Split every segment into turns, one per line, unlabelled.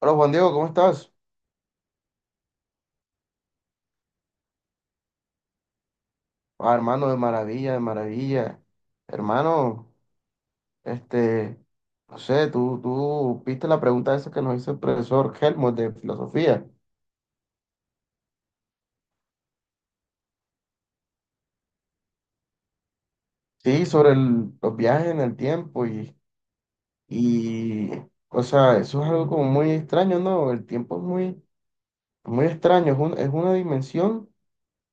Hola Juan Diego, ¿cómo estás? Ah, hermano, de maravilla, de maravilla. Hermano, este, no sé, tú viste la pregunta esa que nos hizo el profesor Helmut de filosofía. Sí, sobre los viajes en el tiempo y, o sea, eso es algo como muy extraño, ¿no? El tiempo es muy, muy extraño, es una dimensión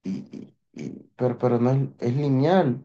y, y- y- pero no es, es lineal.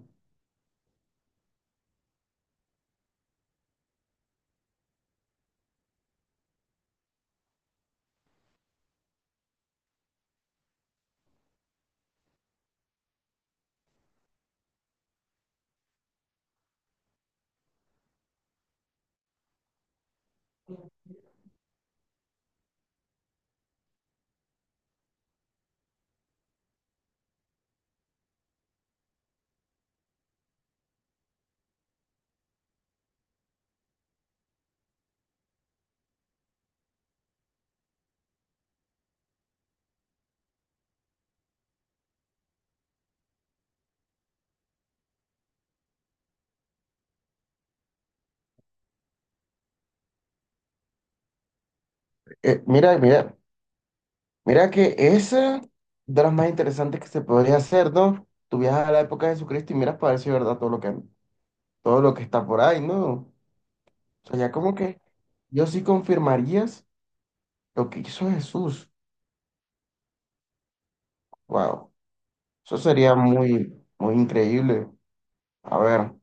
Mira. Mira que esa de las más interesantes que se podría hacer, ¿no? Tú viajas a la época de Jesucristo y miras para ver si es verdad todo todo lo que está por ahí, ¿no? O sea, ya como que yo sí confirmarías lo que hizo Jesús. Wow, eso sería muy, muy increíble. A ver,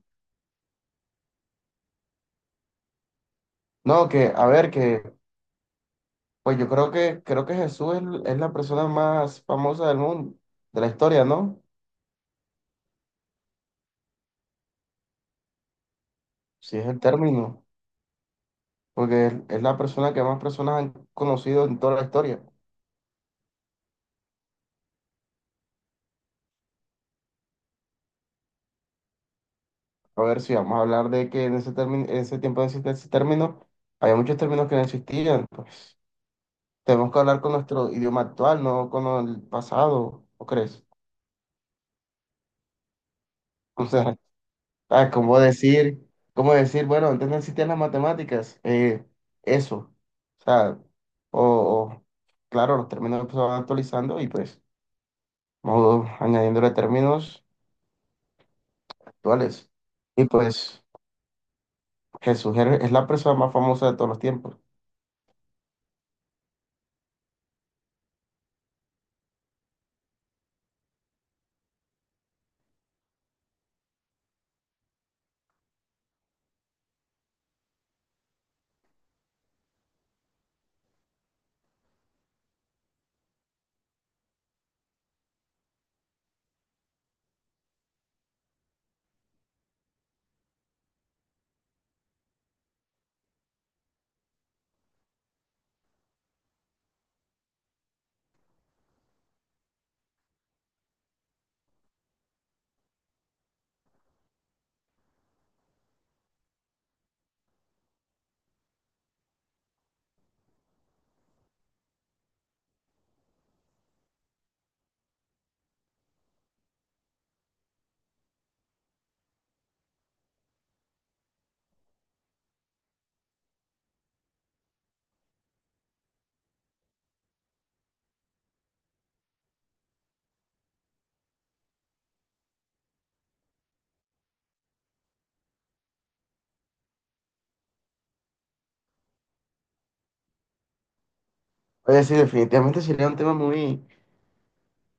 no, a ver, que, pues creo que es la persona más famosa del mundo, de la historia, ¿no? Si es el término, porque es la persona que más personas han conocido en toda la historia. A ver si vamos a hablar de que en ese tiempo ese término, había muchos términos que no existían, pues tenemos que hablar con nuestro idioma actual, no con el pasado, ¿o crees? O sea, ah, cómo decir, bueno, antes no existían las matemáticas, eso, o sea, o, o, claro, los términos se van actualizando y pues vamos añadiéndole términos actuales. Y pues Jesús es la persona más famosa de todos los tiempos. Oye, sí, definitivamente sería un tema muy.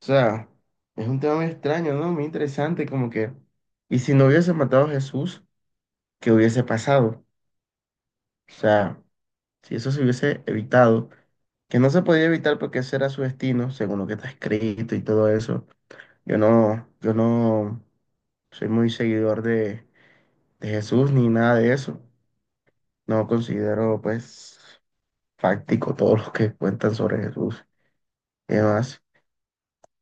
O sea, es un tema muy extraño, ¿no? Muy interesante, como que, ¿y si no hubiese matado a Jesús, qué hubiese pasado? O sea, si eso se hubiese evitado, que no se podía evitar porque ese era su destino, según lo que está escrito y todo eso. Yo no soy muy seguidor de Jesús ni nada de eso. No considero, pues, fáctico todo lo que cuentan sobre Jesús y demás.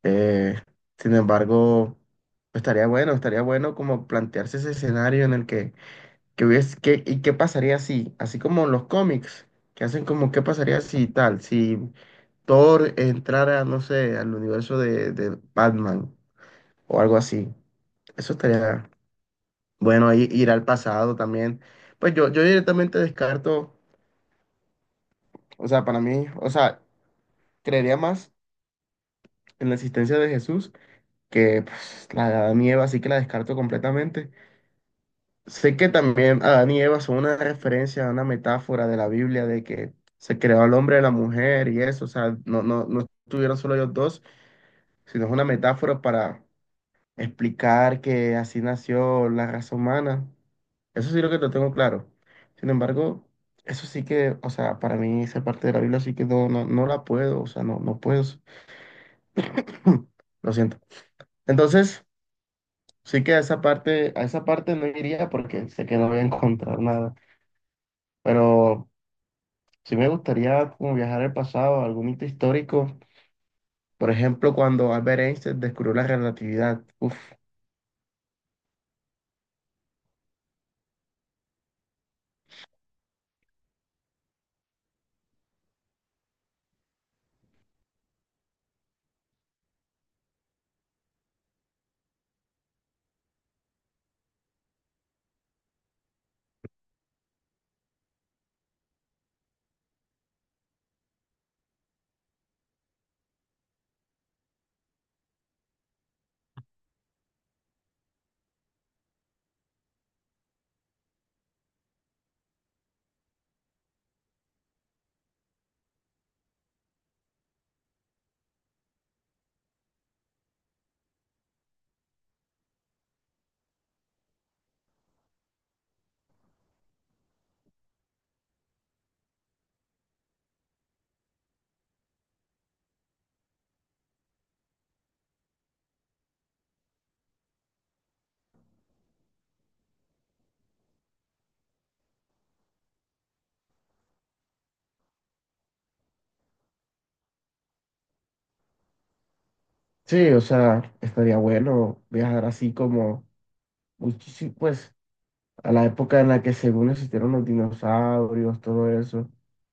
Eh, sin embargo, estaría bueno como plantearse ese escenario en el que y qué pasaría si, así como los cómics, que hacen como qué pasaría si tal, si Thor entrara, no sé, al universo de Batman o algo así. Eso estaría bueno, ahí ir al pasado también. Pues yo directamente descarto, o sea, para mí, o sea, creería más en la existencia de Jesús que pues, la de Adán y Eva, así que la descarto completamente. Sé que también Adán y Eva son una referencia, una metáfora de la Biblia de que se creó al hombre y la mujer y eso, o sea, no estuvieron solo ellos dos, sino es una metáfora para explicar que así nació la raza humana. Eso sí lo que lo tengo claro. Sin embargo, eso sí que, o sea, para mí esa parte de la Biblia sí que no la puedo, o sea, no puedo. Lo siento. Entonces, sí que a esa parte no iría porque sé que no voy a encontrar nada. Pero sí me gustaría como viajar al pasado, a algún hito histórico, por ejemplo, cuando Albert Einstein descubrió la relatividad. Uf, sí, o sea, estaría bueno viajar así como muchísimo, pues, a la época en la que según existieron los dinosaurios, todo eso.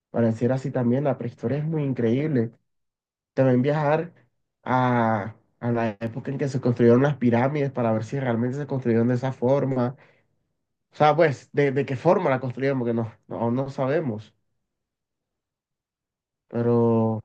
Pareciera así también, la prehistoria es muy increíble. También viajar a, a la época en que se construyeron las pirámides para ver si realmente se construyeron de esa forma. O sea, pues, de qué forma la construyeron, porque aún no sabemos. Pero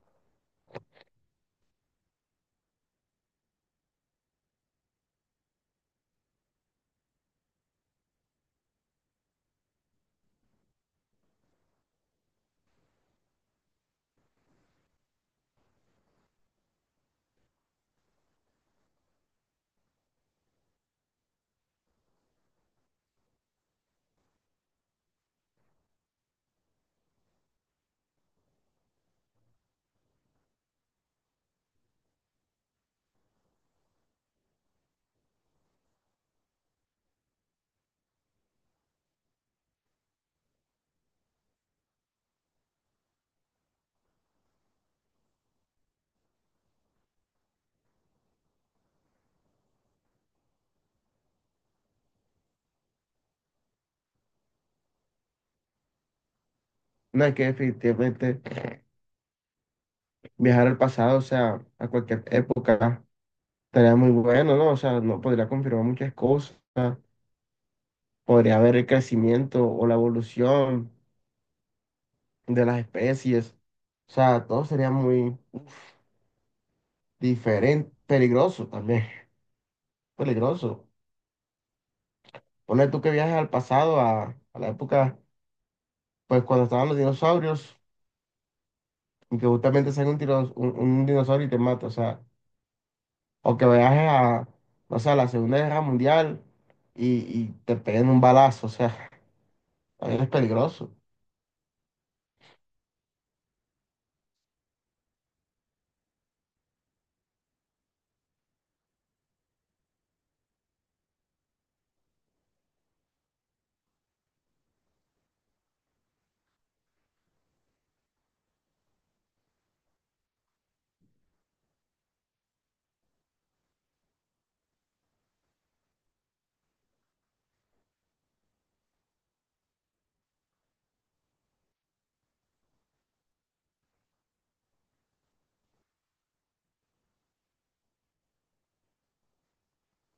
no, es que definitivamente viajar al pasado, o sea, a cualquier época, estaría muy bueno, ¿no? O sea, no podría confirmar muchas cosas, podría ver el crecimiento o la evolución de las especies, o sea, todo sería muy diferente, peligroso también, peligroso. Ponle tú que viajes al pasado, a la época, pues cuando estaban los dinosaurios, y que justamente salga un, un dinosaurio y te mata, o sea. O que veas a, no sé, a la Segunda Guerra Mundial y te peguen un balazo, o sea, también es peligroso.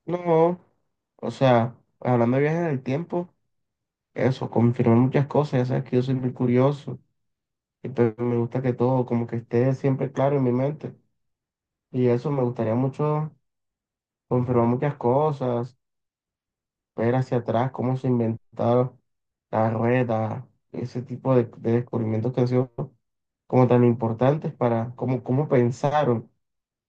No, o sea, hablando de viajes en el tiempo, eso, confirmé muchas cosas, ya sabes que yo soy muy curioso y pues me gusta que todo como que esté siempre claro en mi mente. Y eso me gustaría mucho confirmar muchas cosas, ver hacia atrás cómo se inventaron las ruedas, ese tipo de descubrimientos que han sido como tan importantes para cómo, cómo pensaron.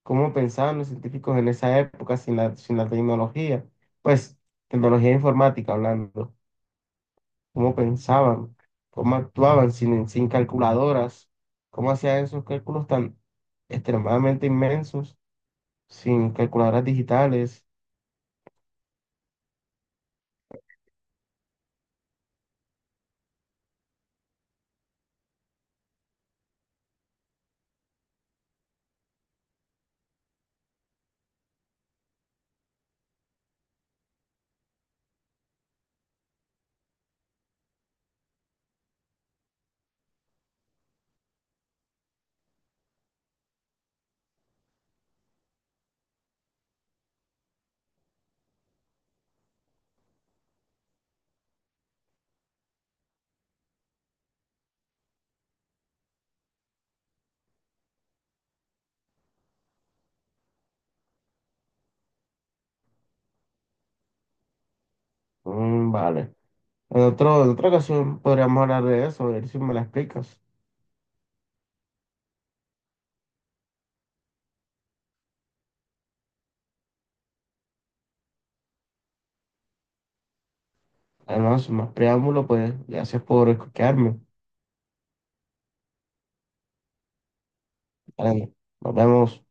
¿Cómo pensaban los científicos en esa época sin la tecnología? Pues, tecnología informática hablando. ¿Cómo pensaban? ¿Cómo actuaban sin calculadoras? ¿Cómo hacían esos cálculos tan extremadamente inmensos sin calculadoras digitales? Mm, vale. En otra ocasión podríamos hablar de eso, a ver si me la explicas. Además, más preámbulo, pues gracias por escucharme. Vale, nos vemos.